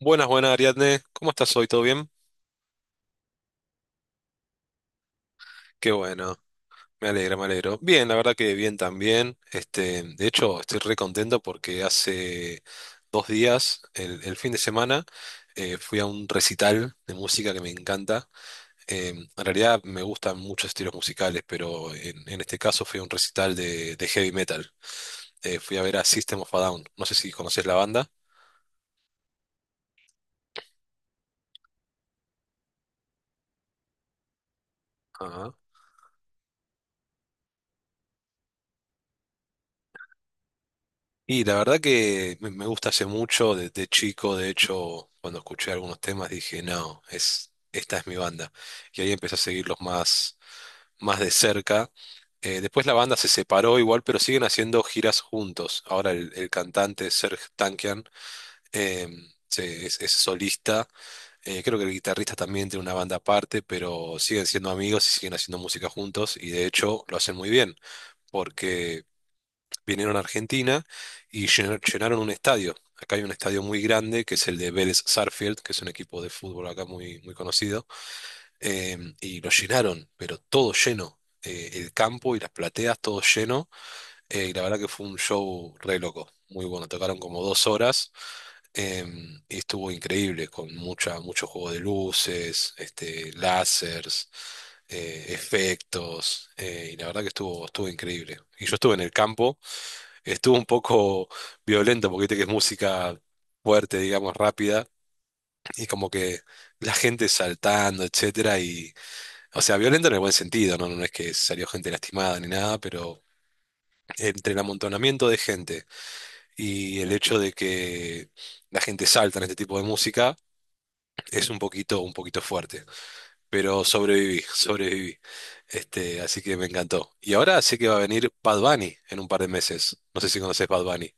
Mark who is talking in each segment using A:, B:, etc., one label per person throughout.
A: Buenas, buenas, Ariadne. ¿Cómo estás hoy? ¿Todo bien? Qué bueno. Me alegra, me alegro. Bien, la verdad que bien también. Este, de hecho, estoy re contento porque hace 2 días, el fin de semana, fui a un recital de música que me encanta. Eh, en realidad me gustan muchos estilos musicales, pero en este caso fui a un recital de heavy metal. Fui a ver a System of a Down. No sé si conoces la banda. Y la verdad que me gusta hace mucho, desde chico, de hecho, cuando escuché algunos temas dije, no, esta es mi banda. Y ahí empecé a seguirlos más, más de cerca. Después la banda se separó igual, pero siguen haciendo giras juntos. Ahora el cantante Serj Tankian eh, es solista. Creo que el guitarrista también tiene una banda aparte, pero siguen siendo amigos y siguen haciendo música juntos. Y de hecho lo hacen muy bien, vinieron a Argentina y llenaron un estadio. Acá hay un estadio muy grande que es el de Vélez Sarsfield, que es un equipo de fútbol acá muy, muy conocido, y lo llenaron, pero todo lleno. El campo y las plateas, todo lleno. Y la verdad que fue un show re loco, muy bueno. Tocaron como 2 horas y estuvo increíble, con mucho juego de luces, este, lásers, efectos, y la verdad que estuvo, estuvo increíble. Y yo estuve en el campo. Estuvo un poco violento porque viste que es música fuerte, digamos, rápida, y como que la gente saltando, etcétera, y, o sea, violento en el buen sentido, ¿no? No es que salió gente lastimada ni nada, pero entre el amontonamiento de gente y el hecho de que la gente salta en este tipo de música, es un poquito fuerte. Pero sobreviví, sobreviví. Este, así que me encantó. Y ahora sé que va a venir Bad Bunny en un par de meses. No sé si conoces Bad Bunny.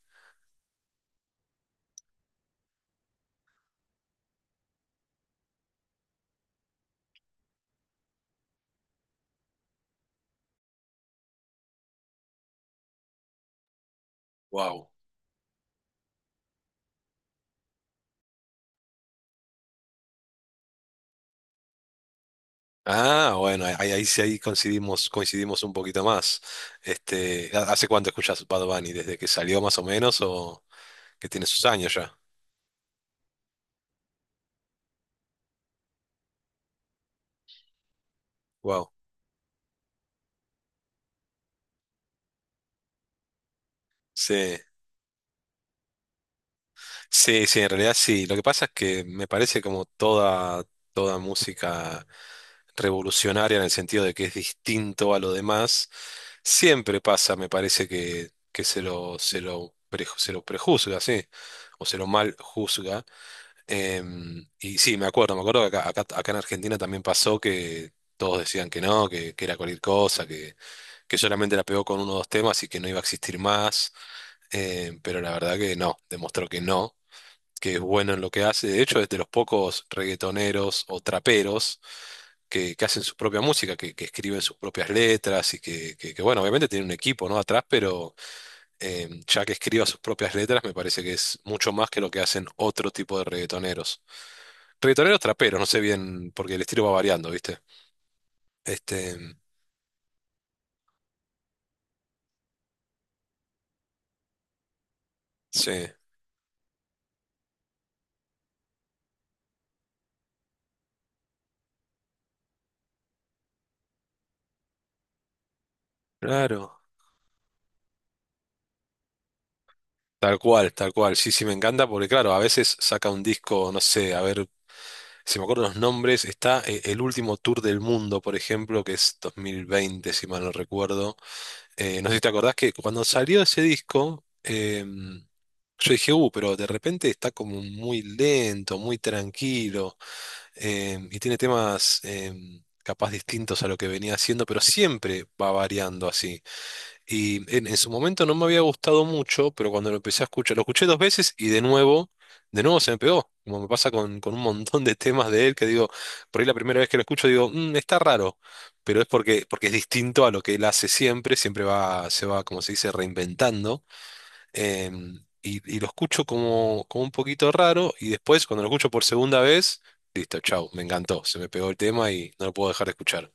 A: Wow. Ah, bueno, ahí, ahí sí ahí coincidimos, coincidimos un poquito más. Este, ¿hace cuánto escuchas Bad Bunny? ¿Desde que salió más o menos o que tiene sus años ya? Wow. Sí, sí, sí, en realidad sí. Lo que pasa es que me parece como toda música revolucionaria en el sentido de que es distinto a lo demás, siempre pasa, me parece que se lo prejuzga, sí, o se lo mal juzga. Y sí, me acuerdo que acá en Argentina también pasó que todos decían que no, que era cualquier cosa, que solamente la pegó con uno o dos temas y que no iba a existir más. Pero la verdad que no, demostró que no, que es bueno en lo que hace. De hecho, es de los pocos reggaetoneros o traperos que hacen su propia música, que escriben sus propias letras y que, bueno, obviamente tienen un equipo, ¿no? atrás, pero ya que escriba sus propias letras, me parece que es mucho más que lo que hacen otro tipo de reggaetoneros. Reggaetoneros traperos, no sé bien, porque el estilo va variando, ¿viste? Este, sí, claro. Tal cual, tal cual. Sí, sí, me encanta porque, claro, a veces saca un disco, no sé, a ver, si me acuerdo los nombres, está el último tour del mundo, por ejemplo, que es 2020, si mal no recuerdo. No sé si te acordás que cuando salió ese disco, yo dije, pero de repente está como muy lento, muy tranquilo, y tiene temas capaz distintos a lo que venía haciendo, pero siempre va variando así. Y en su momento no me había gustado mucho, pero cuando lo empecé a escuchar, lo escuché dos veces y de nuevo se me pegó. Como me pasa con un montón de temas de él que digo, por ahí la primera vez que lo escucho digo, "Mm, está raro, pero es porque es distinto a lo que él hace siempre, siempre va, se va, como se dice, reinventando. Y lo escucho como un poquito raro y después cuando lo escucho por segunda vez, listo, chau, me encantó, se me pegó el tema y no lo puedo dejar de escuchar.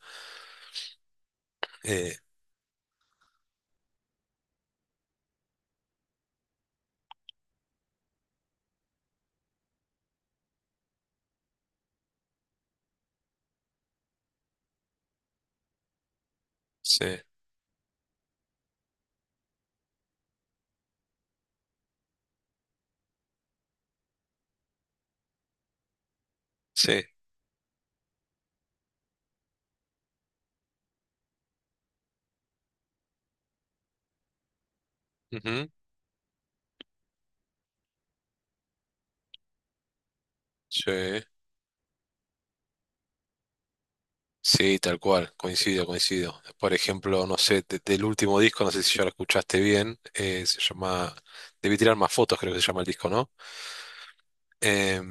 A: Eh, sí, sí. Ujú, sí. Sí, tal cual, coincido, coincido. Por ejemplo, no sé, del último disco, no sé si ya lo escuchaste bien, se llama, debí tirar más fotos, creo que se llama el disco, ¿no? Eh,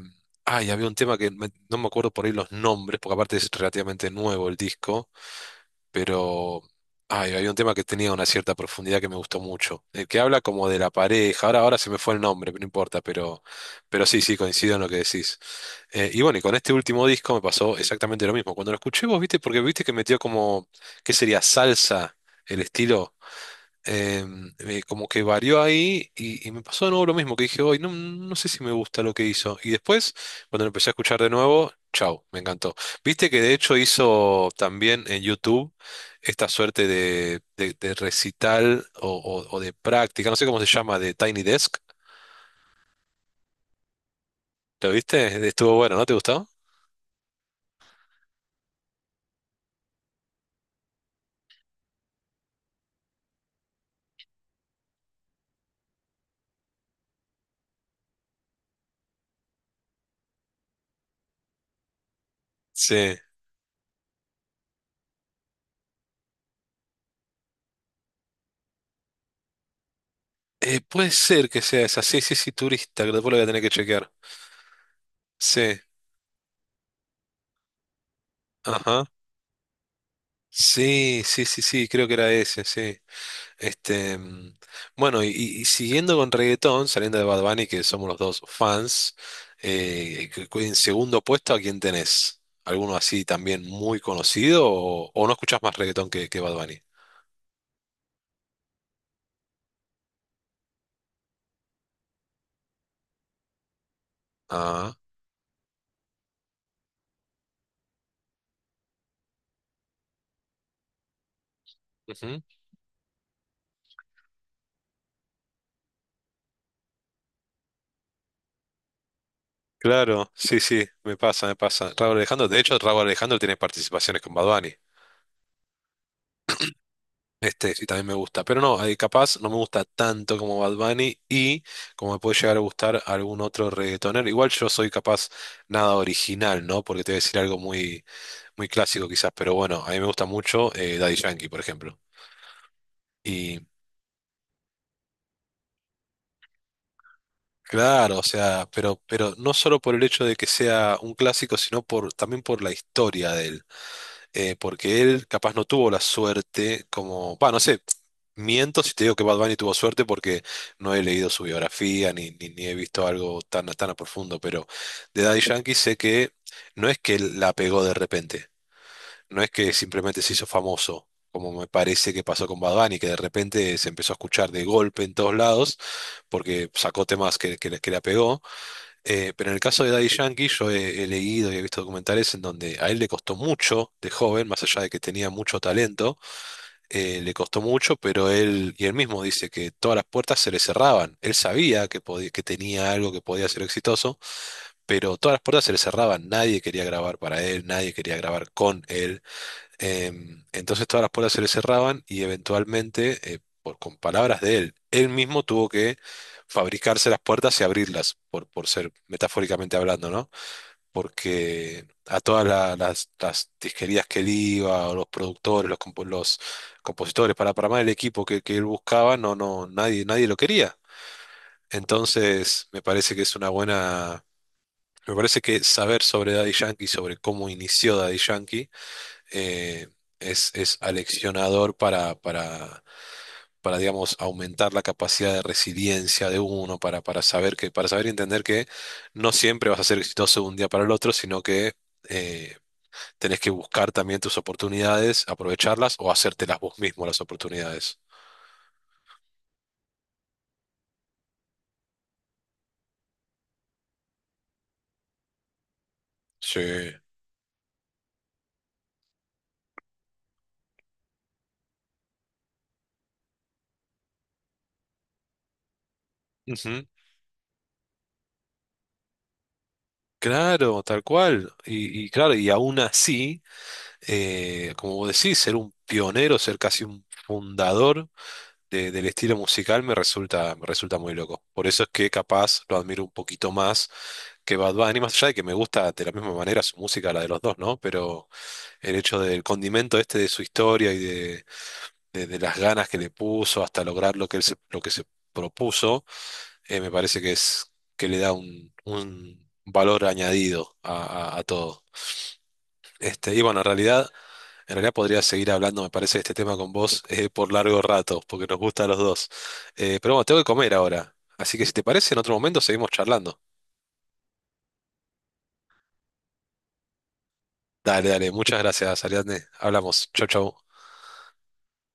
A: y había un tema que no me acuerdo por ahí los nombres, porque aparte es relativamente nuevo el disco, pero había un tema que tenía una cierta profundidad que me gustó mucho. El que habla como de la pareja, ahora se me fue el nombre, pero no importa, pero, sí, sí, coincido en lo que decís. Y bueno, y con este último disco me pasó exactamente lo mismo. Cuando lo escuché, vos viste, porque viste que metió como, ¿qué sería? Salsa, el estilo, eh, como que varió ahí y me pasó de nuevo lo mismo, que dije, hoy no, no sé si me gusta lo que hizo. Y después, cuando lo empecé a escuchar de nuevo, chau, me encantó. Viste que de hecho hizo también en YouTube esta suerte de recital o de práctica, no sé cómo se llama, de Tiny Desk. ¿Lo viste? Estuvo bueno, ¿no te gustó? Sí. Puede ser que sea esa. Sí, sí, sí, turista, que después lo voy a tener que chequear. Sí, ajá. Sí, sí, sí, sí, creo que era ese, sí. Este, bueno, y siguiendo con reggaetón, saliendo de Bad Bunny, que somos los dos fans, que en segundo puesto, ¿a quién tenés? ¿Alguno así también muy conocido o no escuchás más reggaetón que Bad Bunny? Ah, ujú. Claro, sí, sí, me pasa, me pasa. Raúl Alejandro, de hecho, Raúl Alejandro tiene participaciones con Bad Bunny. Este, y también me gusta. Pero no, capaz no me gusta tanto como Bad Bunny y como me puede llegar a gustar algún otro reggaetonero. Igual yo soy capaz nada original, ¿no? Porque te voy a decir algo muy, muy clásico quizás, pero bueno, a mí me gusta mucho Daddy Yankee, por ejemplo. Y claro, o sea, pero, no solo por el hecho de que sea un clásico, sino también por la historia de él. Porque él capaz no tuvo la suerte como, va, no sé, miento si te digo que Bad Bunny tuvo suerte porque no he leído su biografía ni he visto algo tan, tan a profundo, pero de Daddy Yankee sé que no es que él la pegó de repente, no es que simplemente se hizo famoso. Como me parece que pasó con Bad Bunny, que de repente se empezó a escuchar de golpe en todos lados, porque sacó temas que la pegó, pero en el caso de Daddy Yankee, yo he leído y he visto documentales en donde a él le costó mucho de joven, más allá de que tenía mucho talento, le costó mucho, pero y él mismo dice que todas las puertas se le cerraban. Él sabía que podía, que tenía algo que podía ser exitoso, pero todas las puertas se le cerraban. Nadie quería grabar para él, nadie quería grabar con él. Entonces todas las puertas se le cerraban y eventualmente, con palabras de él, él mismo tuvo que fabricarse las puertas y abrirlas, por ser metafóricamente hablando, ¿no? Porque a todas las disquerías que él iba, o los productores, los compositores, para más el equipo que él buscaba, no, no, nadie, nadie lo quería. Entonces, me parece que es una buena... Me parece que saber sobre Daddy Yankee, sobre cómo inició Daddy Yankee, eh, es aleccionador para, digamos, aumentar la capacidad de resiliencia de uno, para saber y entender que no siempre vas a ser exitoso de un día para el otro, sino que eh, tenés que buscar también tus oportunidades, aprovecharlas o hacértelas vos mismo las oportunidades. Sí. Ujú. Claro, tal cual. Y claro, y aún así, como vos decís, ser un pionero, ser casi un fundador del estilo musical me resulta muy loco. Por eso es que capaz lo admiro un poquito más que Bad Bunny, más allá de que me gusta de la misma manera su música, la de los dos, ¿no? Pero el hecho del condimento este de su historia y de las ganas que le puso hasta lograr lo que se propuso, me parece que es que le da un valor añadido a todo. Este, y bueno, en realidad podría seguir hablando, me parece, de este tema con vos por largo rato, porque nos gusta a los dos. Pero bueno, tengo que comer ahora. Así que si te parece, en otro momento seguimos charlando. Dale, dale. Muchas gracias, Ariadne. Hablamos. Chau, chau.